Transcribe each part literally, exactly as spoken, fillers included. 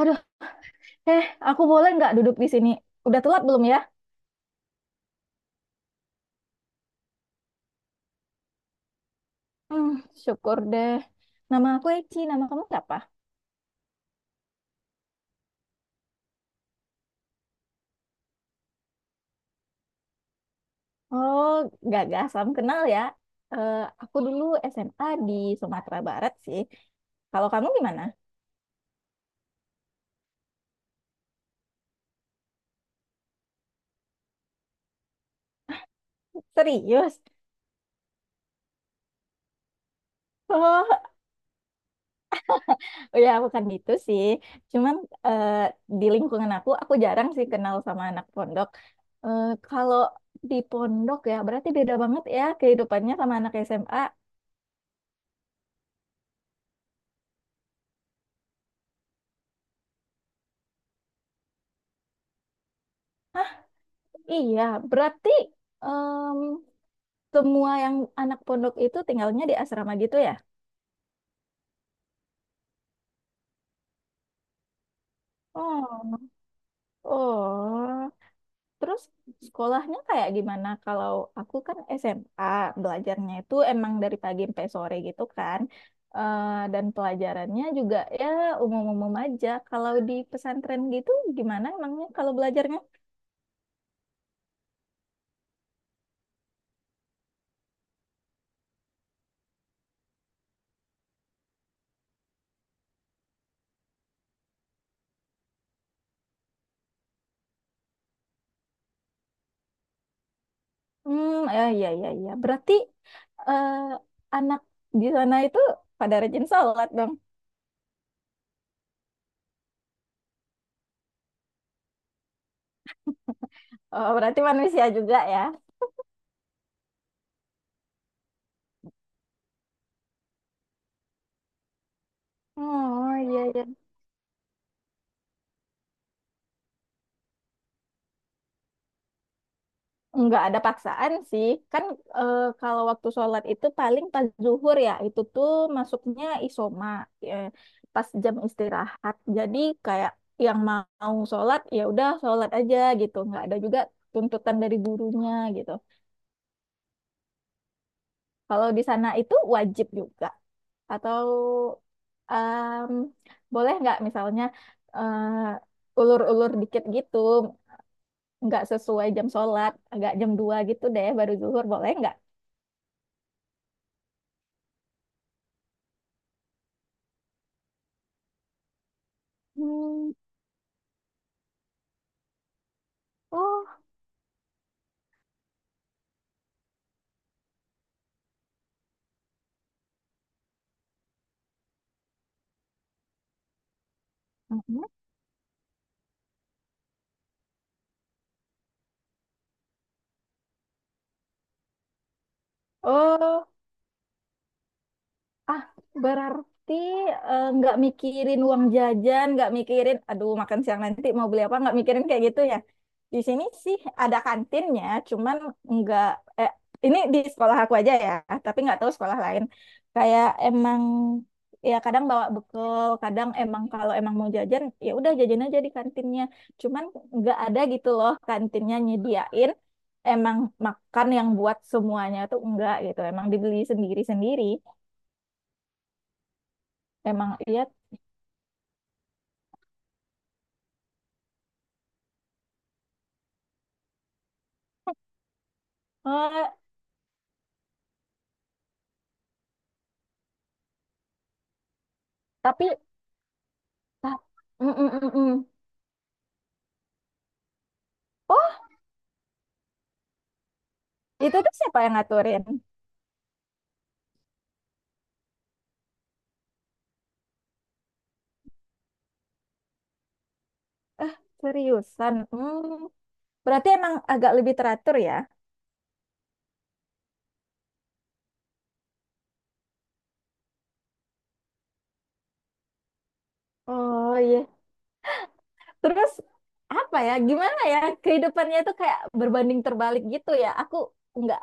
Aduh, eh, aku boleh nggak duduk di sini? Udah telat belum ya? Hmm, syukur deh. Nama aku Eci, nama kamu siapa? Oh, Gaga, salam kenal ya. Eh, aku dulu S M A di Sumatera Barat sih. Kalau kamu gimana? Serius? Oh, oh ya bukan gitu sih. Cuman eh, di lingkungan aku, aku jarang sih kenal sama anak pondok. Eh, kalau di pondok ya, berarti beda banget ya kehidupannya sama anak S M A. Iya, berarti semua yang anak pondok itu tinggalnya di asrama gitu ya? Oh, oh. Terus sekolahnya kayak gimana? Kalau aku kan S M A, belajarnya itu emang dari pagi sampai sore gitu kan. Eh, dan pelajarannya juga ya umum-umum aja. Kalau di pesantren gitu gimana emangnya kalau belajarnya? Hmm, ya ya ya ya. Berarti eh, anak di sana itu pada rajin sholat dong. Oh, berarti manusia juga ya? Oh, iya, iya. Nggak ada paksaan sih. Kan eh, kalau waktu sholat itu paling pas zuhur ya, itu tuh masuknya isoma, eh, pas jam istirahat. Jadi kayak yang mau sholat ya udah sholat aja gitu. Nggak ada juga tuntutan dari gurunya gitu. Kalau di sana itu wajib juga. Atau em, boleh nggak misalnya eh, ulur-ulur dikit gitu, nggak sesuai jam sholat, agak jam dua gitu deh baru zuhur, boleh nggak? Hmm, Oh, Mhm. Oh. Ah, berarti eh, nggak mikirin uang jajan, nggak mikirin, aduh makan siang nanti mau beli apa, nggak mikirin kayak gitu ya. Di sini sih ada kantinnya, cuman nggak, eh, ini di sekolah aku aja ya, tapi nggak tahu sekolah lain. Kayak emang ya kadang bawa bekal, kadang emang kalau emang mau jajan, ya udah jajan aja di kantinnya. Cuman nggak ada gitu loh kantinnya nyediain emang makan yang buat semuanya tuh enggak gitu, emang dibeli sendiri-sendiri. Emang iya. Eh, tapi ah, mm, mm, mm, mm. Oh, itu tuh siapa yang ngaturin? Seriusan. Hmm, berarti emang agak lebih teratur ya. Oh iya. Terus apa ya? Gimana ya? Kehidupannya itu kayak berbanding terbalik gitu ya. Aku nggak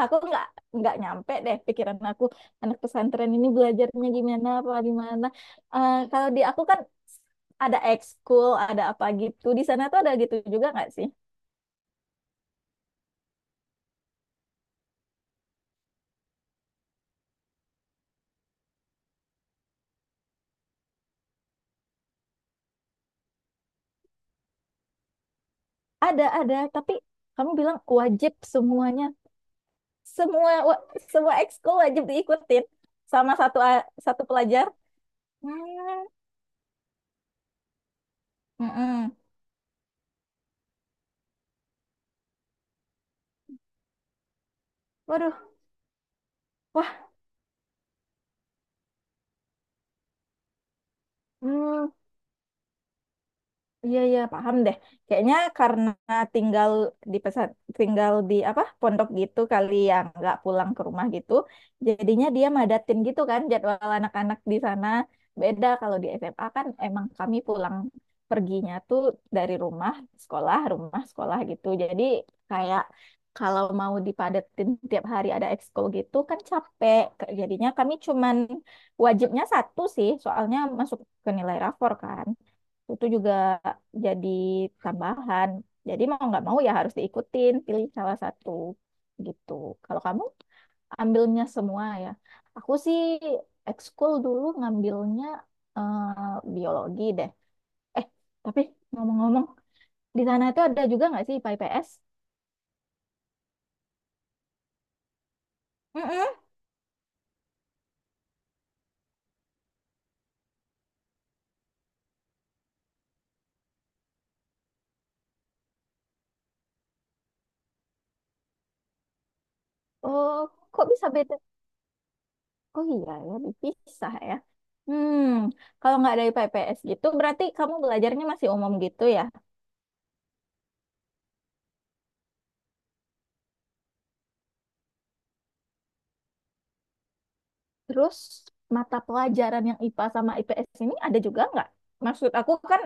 aku nggak nggak nyampe deh pikiran aku anak pesantren ini belajarnya gimana apa gimana. Eh, kalau di aku kan ada ekskul, ada apa gitu. Di sana tuh ada gitu juga nggak sih? Ada, ada, tapi kamu bilang wajib semuanya. Semua wa- semua ekskul wajib diikutin sama satu a- satu pelajar. Hmm, mm-mm. Waduh, wah, hmm. Iya iya paham deh. Kayaknya karena tinggal di pesat tinggal di apa pondok gitu kali yang nggak pulang ke rumah gitu. Jadinya dia madatin gitu kan jadwal anak-anak di sana. Beda kalau di S M A kan emang kami pulang perginya tuh dari rumah sekolah rumah sekolah gitu. Jadi kayak kalau mau dipadetin tiap hari ada ekskul gitu kan capek. Jadinya kami cuman wajibnya satu sih soalnya masuk ke nilai rapor kan itu juga jadi tambahan. Jadi mau nggak mau ya harus diikutin, pilih salah satu gitu. Kalau kamu ambilnya semua ya. Aku sih ekskul dulu ngambilnya eh, biologi deh. Eh, tapi ngomong-ngomong, di sana itu ada juga nggak sih I P A I P S? Mm-mm. Oh, kok bisa beda? Oh iya ya, dipisah ya. Hmm, kalau nggak ada I P A I P S gitu, berarti kamu belajarnya masih umum gitu ya? Terus mata pelajaran yang I P A sama I P S ini ada juga nggak? Maksud aku kan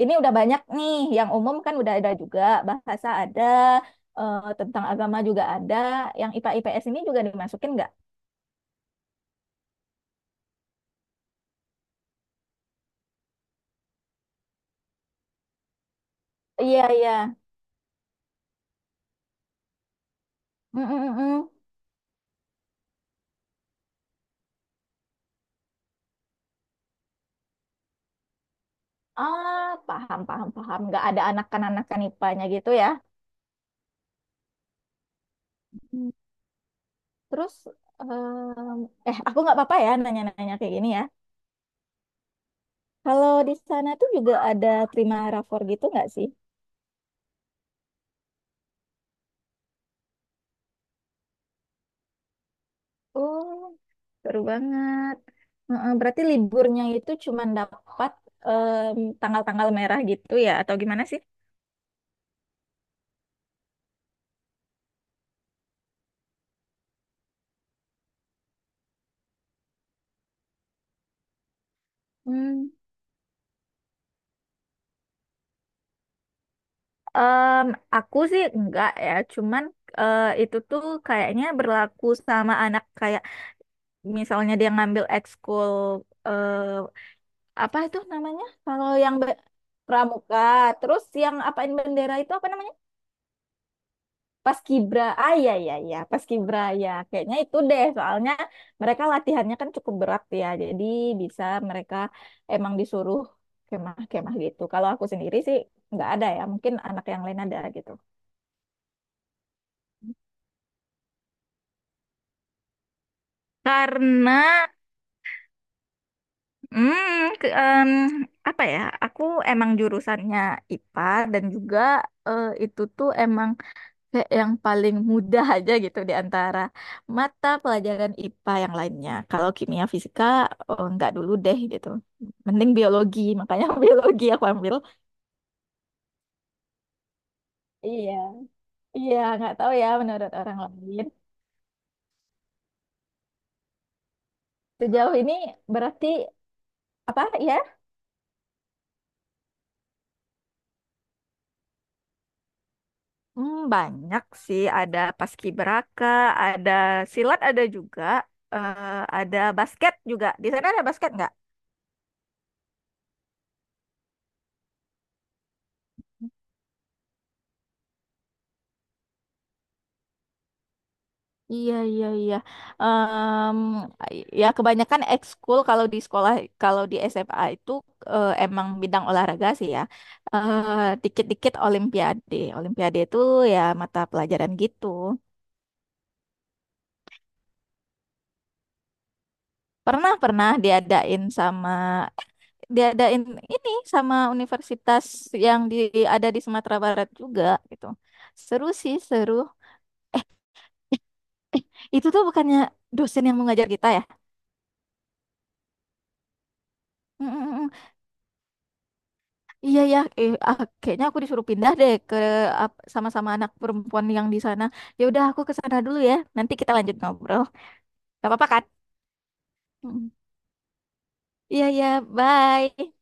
ini udah banyak nih, yang umum kan udah ada juga, bahasa ada, eh, tentang agama juga ada, yang I P A I P S ini juga dimasukin nggak? Iya iya, mm, mm, mm, mm. Ah paham paham paham, nggak ada anak-anakan I P A-nya-nya gitu ya? Hmm. Terus em, eh aku nggak apa-apa ya nanya-nanya kayak gini ya. Kalau di sana tuh juga ada prima rapor gitu nggak sih? Oh, seru banget. Heeh, berarti liburnya itu cuma dapat em, tanggal-tanggal merah gitu ya, atau gimana sih? Hmm, em, aku sih enggak ya, cuman eh, itu tuh kayaknya berlaku sama anak kayak misalnya dia ngambil ekskul eh, apa itu namanya? Kalau yang be- pramuka, terus yang apain bendera itu apa namanya? Paskibra, ah iya iya iya, Paskibra ya. Kayaknya itu deh, soalnya mereka latihannya kan cukup berat ya. Jadi bisa mereka emang disuruh kemah-kemah gitu. Kalau aku sendiri sih nggak ada ya, mungkin anak yang lain ada gitu. Karena, hmm, ke, em, apa ya? Aku emang jurusannya I P A dan juga eh, itu tuh emang kayak yang paling mudah aja gitu di antara mata pelajaran I P A yang lainnya. Kalau kimia fisika oh, nggak dulu deh gitu. Mending biologi, makanya biologi aku ambil. Iya, iya nggak tahu ya menurut orang lain. Sejauh ini berarti apa ya? Hmm, banyak sih, ada paskibraka, ada silat, ada juga eh, ada basket juga. Di sana ada basket nggak? Iya, iya, iya. Em, ya kebanyakan ekskul kalau di sekolah, kalau di S M A itu eh, emang bidang olahraga sih ya. Eh, Dikit-dikit Olimpiade. Olimpiade itu ya mata pelajaran gitu. Pernah, pernah diadain sama, diadain ini sama universitas yang di, ada di Sumatera Barat juga gitu. Seru sih, seru. Eh, Itu tuh bukannya dosen yang mengajar kita ya? Mm, mm, Iya ya, eh, ah, kayaknya aku disuruh pindah deh ke ap- sama-sama anak perempuan yang di sana. Ya udah aku ke sana dulu ya. Nanti kita lanjut ngobrol. Gak apa-apa kan? Mm. Iya ya, bye.